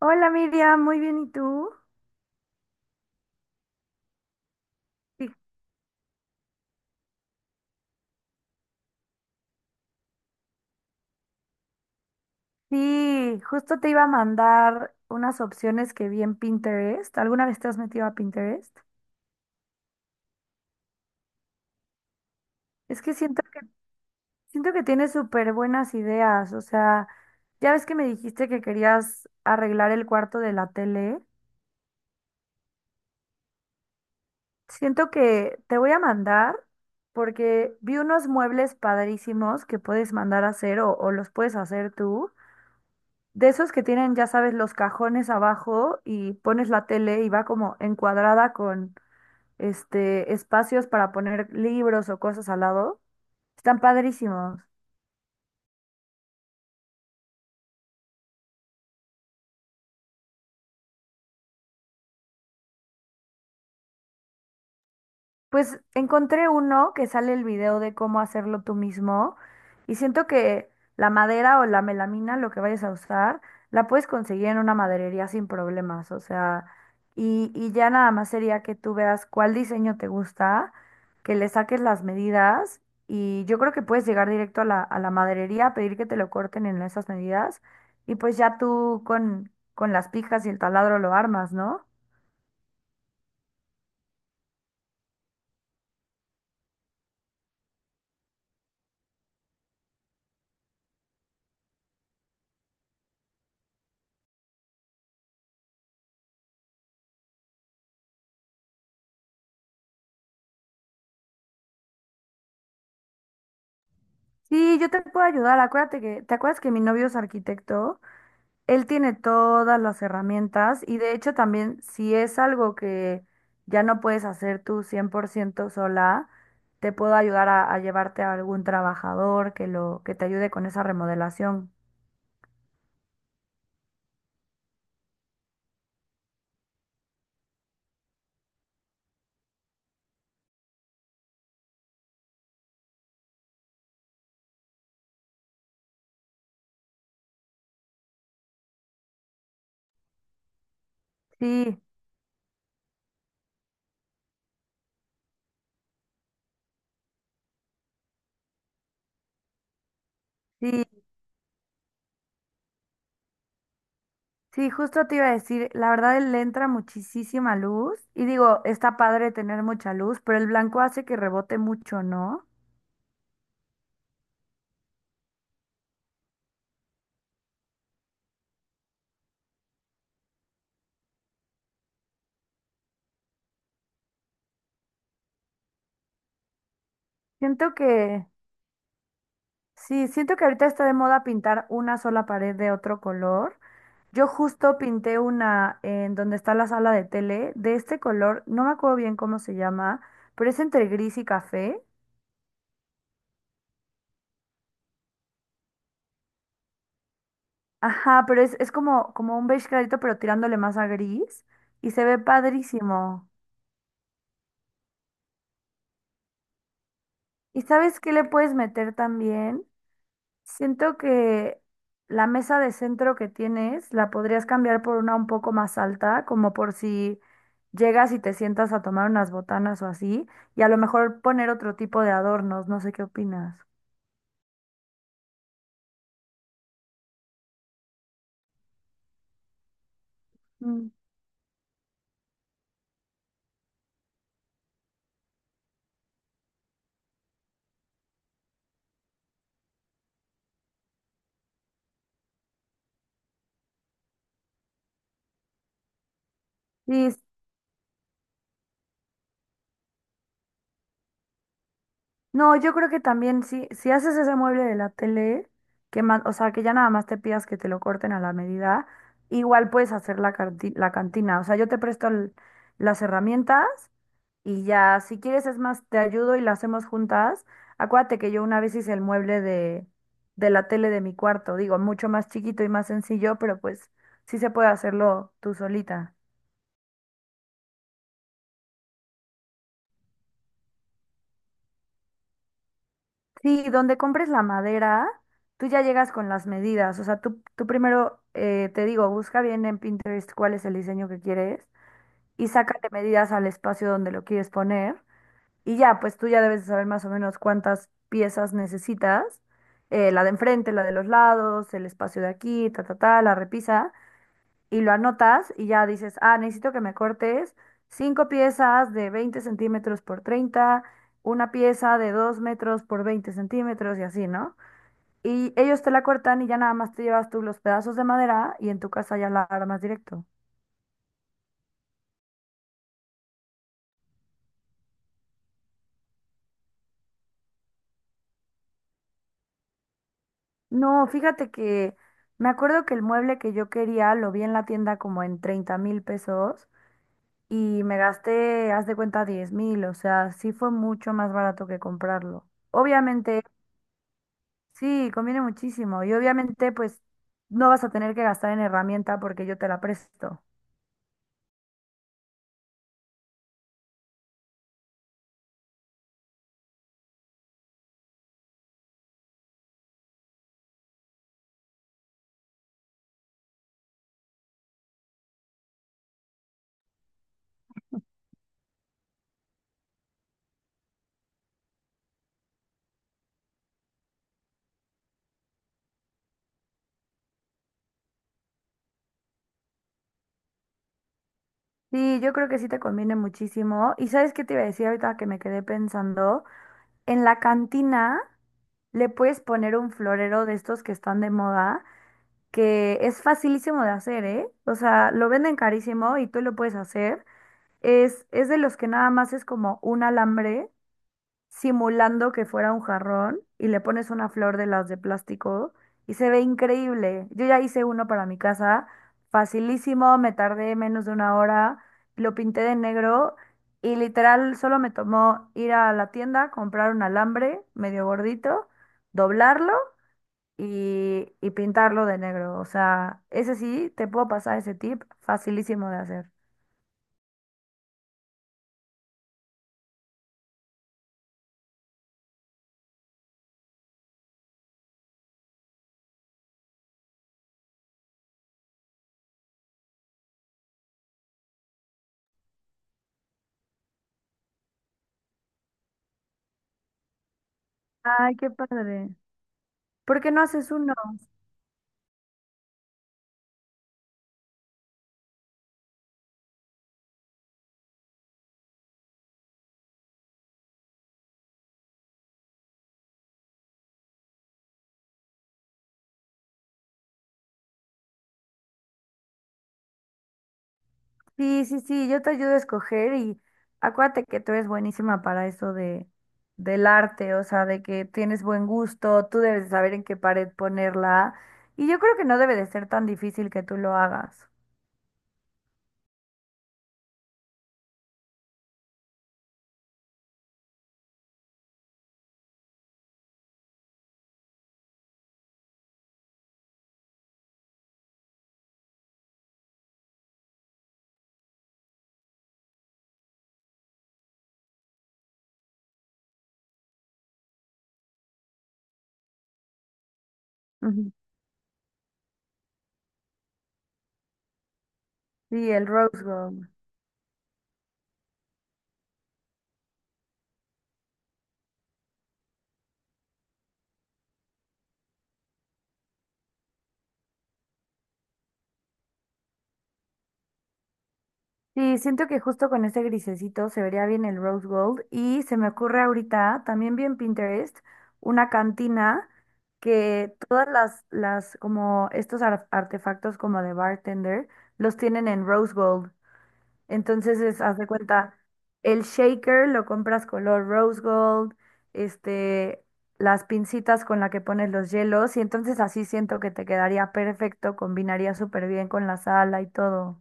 Hola Miriam, muy bien, ¿y tú? Sí, sí, justo te iba a mandar unas opciones que vi en Pinterest. ¿Alguna vez te has metido a Pinterest? Es que siento, siento que tienes súper buenas ideas, o sea, ya ves que me dijiste que querías arreglar el cuarto de la tele. Siento que te voy a mandar porque vi unos muebles padrísimos que puedes mandar a hacer o los puedes hacer tú. De esos que tienen, ya sabes, los cajones abajo y pones la tele y va como encuadrada con espacios para poner libros o cosas al lado. Están padrísimos. Pues encontré uno que sale el video de cómo hacerlo tú mismo y siento que la madera o la melamina, lo que vayas a usar, la puedes conseguir en una maderería sin problemas, o sea, y ya nada más sería que tú veas cuál diseño te gusta, que le saques las medidas y yo creo que puedes llegar directo a la maderería, pedir que te lo corten en esas medidas y pues ya tú con las pijas y el taladro lo armas, ¿no? Sí, yo te puedo ayudar. Acuérdate que, ¿te acuerdas que mi novio es arquitecto? Él tiene todas las herramientas y de hecho también si es algo que ya no puedes hacer tú 100% sola, te puedo ayudar a llevarte a algún trabajador que lo que te ayude con esa remodelación. Sí, sí, sí, justo te iba a decir, la verdad él le entra muchísima luz y digo, está padre tener mucha luz, pero el blanco hace que rebote mucho, ¿no? Siento que Sí, siento que ahorita está de moda pintar una sola pared de otro color. Yo justo pinté una en donde está la sala de tele de este color, no me acuerdo bien cómo se llama, pero es entre gris y café. Ajá, pero es como, como un beige clarito, pero tirándole más a gris y se ve padrísimo. ¿Y sabes qué le puedes meter también? Siento que la mesa de centro que tienes la podrías cambiar por una un poco más alta, como por si llegas y te sientas a tomar unas botanas o así, y a lo mejor poner otro tipo de adornos, no sé qué opinas. Mm. Sí, s- no, yo creo que también si haces ese mueble de la tele, o sea, que ya nada más te pidas que te lo corten a la medida, igual puedes hacer la cantina. O sea, yo te presto las herramientas. Y ya, si quieres, es más, te ayudo y la hacemos juntas. Acuérdate que yo una vez hice el mueble de la tele de mi cuarto, digo, mucho más chiquito y más sencillo, pero pues sí se puede hacerlo tú solita. Sí, donde compres la madera, tú ya llegas con las medidas. O sea, tú primero, te digo, busca bien en Pinterest cuál es el diseño que quieres y sácate medidas al espacio donde lo quieres poner. Y ya, pues tú ya debes de saber más o menos cuántas piezas necesitas, la de enfrente, la de los lados, el espacio de aquí, ta, ta, ta, la repisa, y lo anotas y ya dices, ah, necesito que me cortes cinco piezas de 20 centímetros por 30, una pieza de 2 metros por 20 centímetros y así, ¿no? Y ellos te la cortan y ya nada más te llevas tú los pedazos de madera y en tu casa ya la armas directo. No, fíjate que me acuerdo que el mueble que yo quería lo vi en la tienda como en 30,000 pesos y me gasté, haz de cuenta, 10,000, o sea, sí fue mucho más barato que comprarlo. Obviamente, sí, conviene muchísimo y obviamente pues no vas a tener que gastar en herramienta porque yo te la presto. Sí, yo creo que sí te conviene muchísimo. ¿Y sabes qué te iba a decir ahorita que me quedé pensando? En la cantina le puedes poner un florero de estos que están de moda que es facilísimo de hacer, ¿eh? O sea, lo venden carísimo y tú lo puedes hacer. Es de los que nada más es como un alambre simulando que fuera un jarrón y le pones una flor de las de plástico y se ve increíble. Yo ya hice uno para mi casa, facilísimo, me tardé menos de una hora, lo pinté de negro y literal solo me tomó ir a la tienda, comprar un alambre medio gordito, doblarlo y pintarlo de negro. O sea, ese sí, te puedo pasar ese tip, facilísimo de hacer. Ay, qué padre. ¿Por qué no haces uno? Sí, sí, sí, yo te ayudo a escoger y acuérdate que tú eres buenísima para eso del arte, o sea, de que tienes buen gusto, tú debes de saber en qué pared ponerla. Y yo creo que no debe de ser tan difícil que tú lo hagas. Ujú. Sí, el rose gold. Sí, siento que justo con ese grisecito se vería bien el rose gold y se me ocurre ahorita, también bien Pinterest, una cantina que todas las como estos artefactos como de bartender los tienen en rose gold. Entonces, es, haz de cuenta, el shaker lo compras color rose gold, este, las pincitas con la que pones los hielos y entonces así siento que te quedaría perfecto, combinaría súper bien con la sala y todo.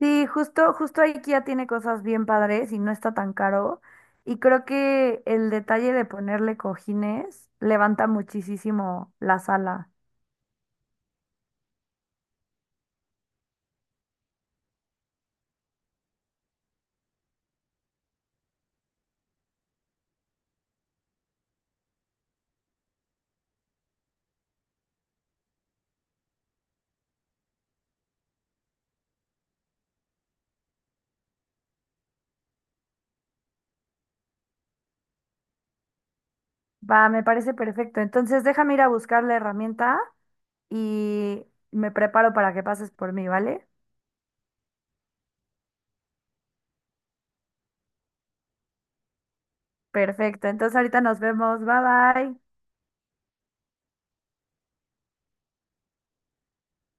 Sí, justo, justo IKEA tiene cosas bien padres y no está tan caro. Y creo que el detalle de ponerle cojines levanta muchísimo la sala. Va, me parece perfecto. Entonces déjame ir a buscar la herramienta y me preparo para que pases por mí, ¿vale? Perfecto. Entonces ahorita nos vemos. Bye bye.